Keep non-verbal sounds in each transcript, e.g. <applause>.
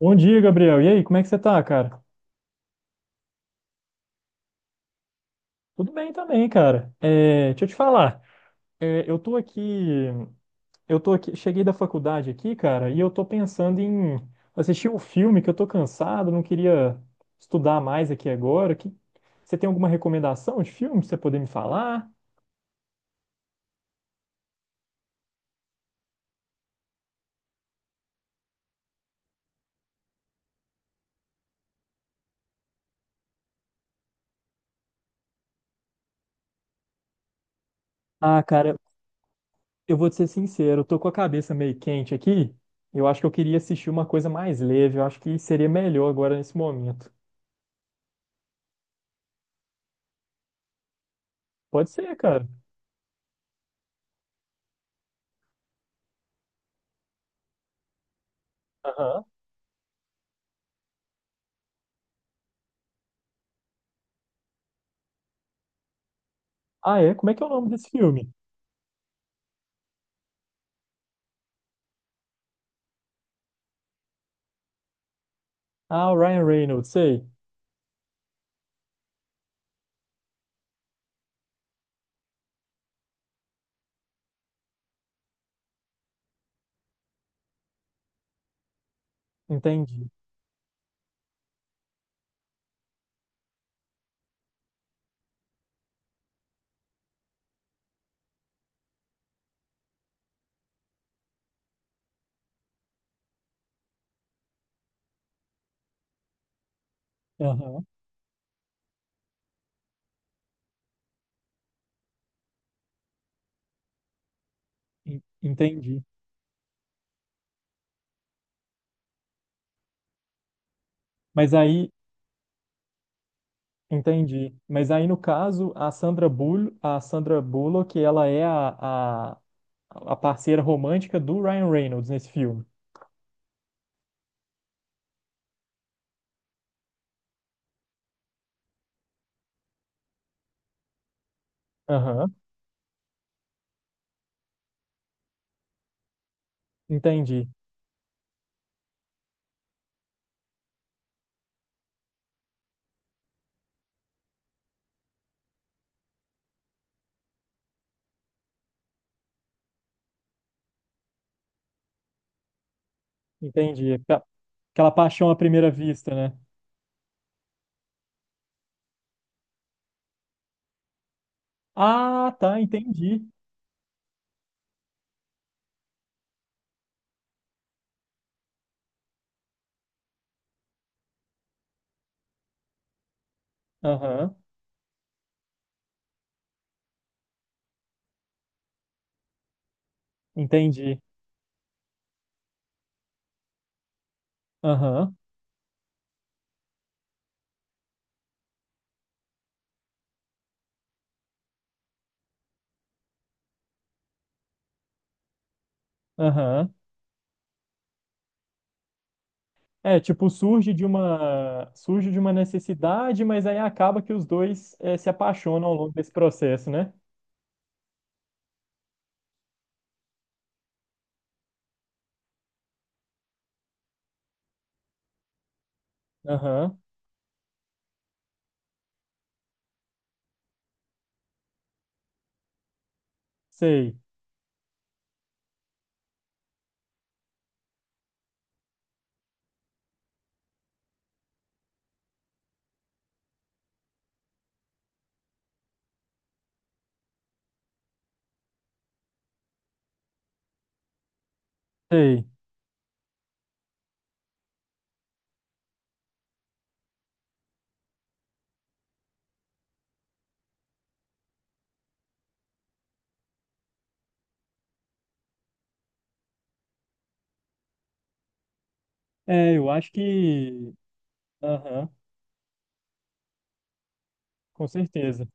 Bom dia, Gabriel. E aí, como é que você tá, cara? Tudo bem também, cara. Deixa eu te falar. É, eu tô aqui, Cheguei da faculdade aqui, cara, e eu tô pensando em assistir um filme que eu tô cansado, não queria estudar mais aqui agora. Que... Você tem alguma recomendação de filme pra você poder me falar? Ah, cara, eu vou te ser sincero, eu tô com a cabeça meio quente aqui. Eu acho que eu queria assistir uma coisa mais leve. Eu acho que seria melhor agora nesse momento. Pode ser, cara. Aham. Ah, é? Como é que é o nome desse filme? Ah, o Ryan Reynolds, sei. Entendi. Aham, entendi. Mas aí, entendi. Mas aí, no caso, a Sandra Bullock, ela é a, a parceira romântica do Ryan Reynolds nesse filme. Aham, entendi. Entendi. Aquela paixão à primeira vista, né? Ah, tá, entendi. Aham, entendi. Aham. Aham. É, tipo, surge de uma necessidade, mas aí acaba que os dois se apaixonam ao longo desse processo, né? Aham, sei, sei. É, eu acho que. Aham, com certeza.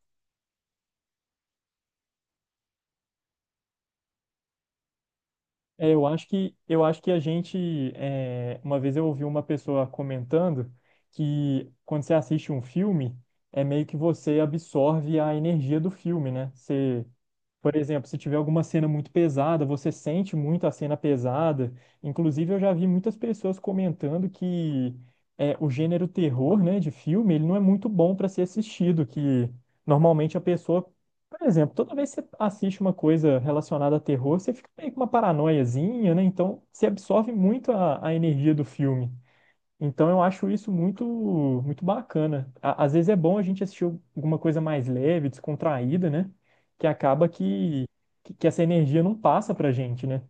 É, eu acho que a gente é, uma vez eu ouvi uma pessoa comentando que quando você assiste um filme é meio que você absorve a energia do filme, né? Você, por exemplo, se tiver alguma cena muito pesada, você sente muito a cena pesada. Inclusive eu já vi muitas pessoas comentando que é, o gênero terror, né, de filme, ele não é muito bom para ser assistido, que normalmente a pessoa por exemplo, toda vez que você assiste uma coisa relacionada a terror, você fica meio com uma paranoiazinha, né? Então, você absorve muito a energia do filme. Então, eu acho isso muito, muito bacana. Às vezes é bom a gente assistir alguma coisa mais leve, descontraída, né? Que acaba que essa energia não passa pra gente, né?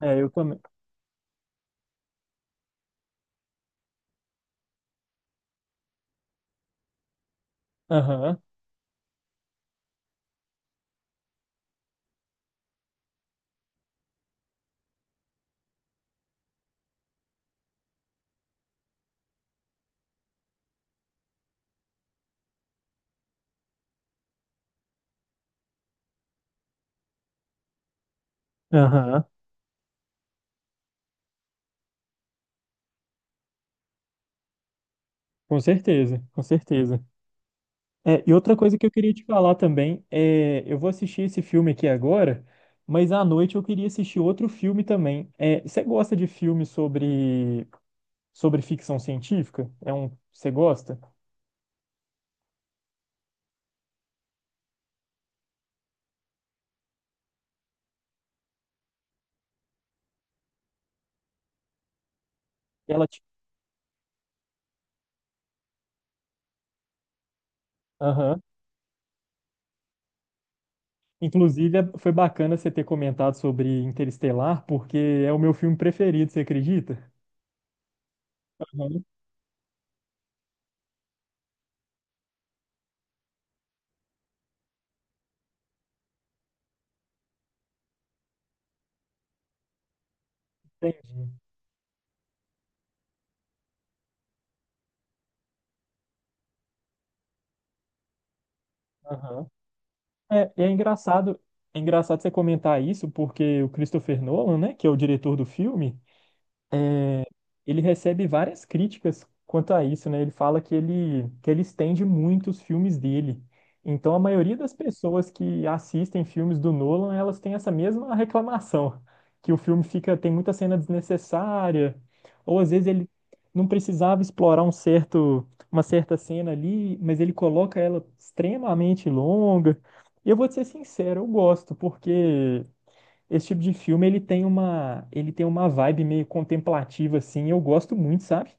É, eu também. Aham, aham. Com certeza. É, e outra coisa que eu queria te falar também é, eu vou assistir esse filme aqui agora, mas à noite eu queria assistir outro filme também. É, você gosta de filme sobre ficção científica? É um, você gosta? Ela te... Aham. Inclusive, foi bacana você ter comentado sobre Interestelar, porque é o meu filme preferido, você acredita? Aham. Tem- aham. É, é engraçado você comentar isso, porque o Christopher Nolan, né, que é o diretor do filme, é, ele recebe várias críticas quanto a isso, né? Ele fala que ele estende muito os filmes dele. Então, a maioria das pessoas que assistem filmes do Nolan, elas têm essa mesma reclamação, <laughs> que o filme fica, tem muita cena desnecessária, ou às vezes ele não precisava explorar uma certa cena ali, mas ele coloca ela extremamente longa. E eu vou te ser sincero, eu gosto, porque esse tipo de filme, ele tem uma vibe meio contemplativa, assim, e eu gosto muito, sabe?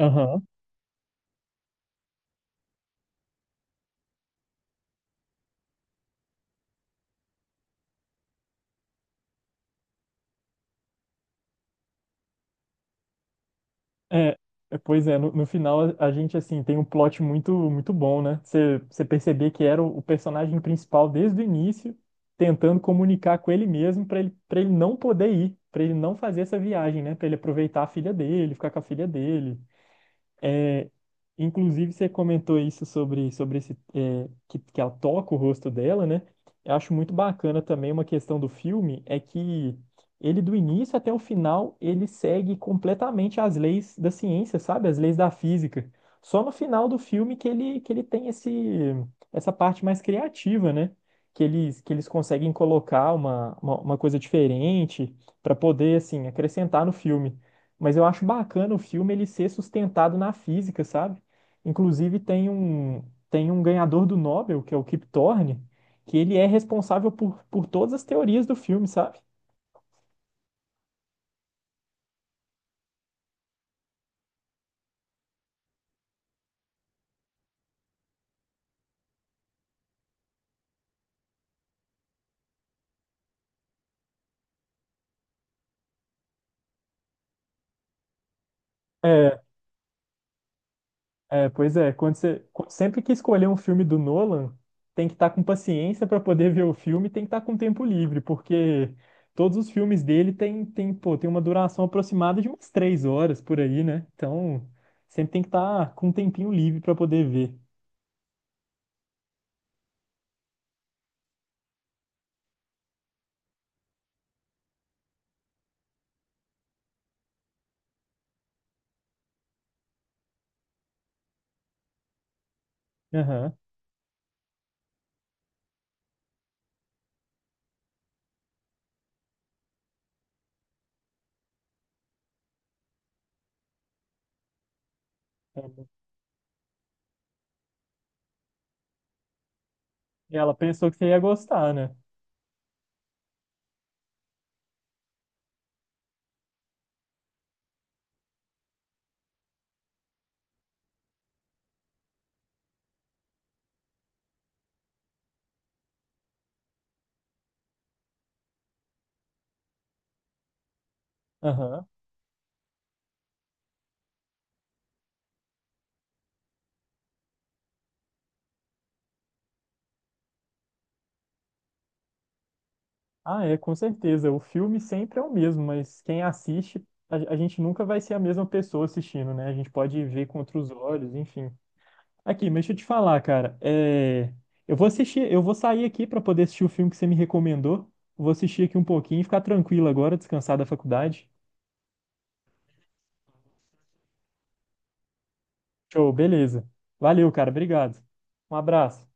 Aham. É, pois é, no final a gente, assim, tem um plot muito bom, né? Você perceber que era o personagem principal desde o início, tentando comunicar com ele mesmo para ele não poder ir, para ele não fazer essa viagem, né? Para ele aproveitar a filha dele, ficar com a filha dele. É, inclusive, você comentou isso sobre esse, é, que ela toca o rosto dela, né? Eu acho muito bacana também uma questão do filme, é que ele, do início até o final, ele segue completamente as leis da ciência, sabe? As leis da física. Só no final do filme que ele tem esse, essa parte mais criativa, né? Que eles conseguem colocar uma coisa diferente para poder, assim, acrescentar no filme. Mas eu acho bacana o filme ele ser sustentado na física, sabe? Inclusive, tem um ganhador do Nobel, que é o Kip Thorne, que ele é responsável por todas as teorias do filme, sabe? É, pois é, sempre que escolher um filme do Nolan, tem que estar com paciência para poder ver o filme, tem que estar com tempo livre, porque todos os filmes dele tem, pô, tem uma duração aproximada de umas 3 horas por aí, né? Então, sempre tem que estar com um tempinho livre para poder ver. Aham. E ela pensou que você ia gostar, né? Aham. Ah, é, com certeza. O filme sempre é o mesmo, mas quem assiste, a gente nunca vai ser a mesma pessoa assistindo, né? A gente pode ver com outros olhos, enfim. Aqui, mas deixa eu te falar, cara. É... Eu vou assistir, eu vou sair aqui para poder assistir o filme que você me recomendou. Vou assistir aqui um pouquinho e ficar tranquilo agora, descansar da faculdade. Show, beleza. Valeu, cara. Obrigado. Um abraço.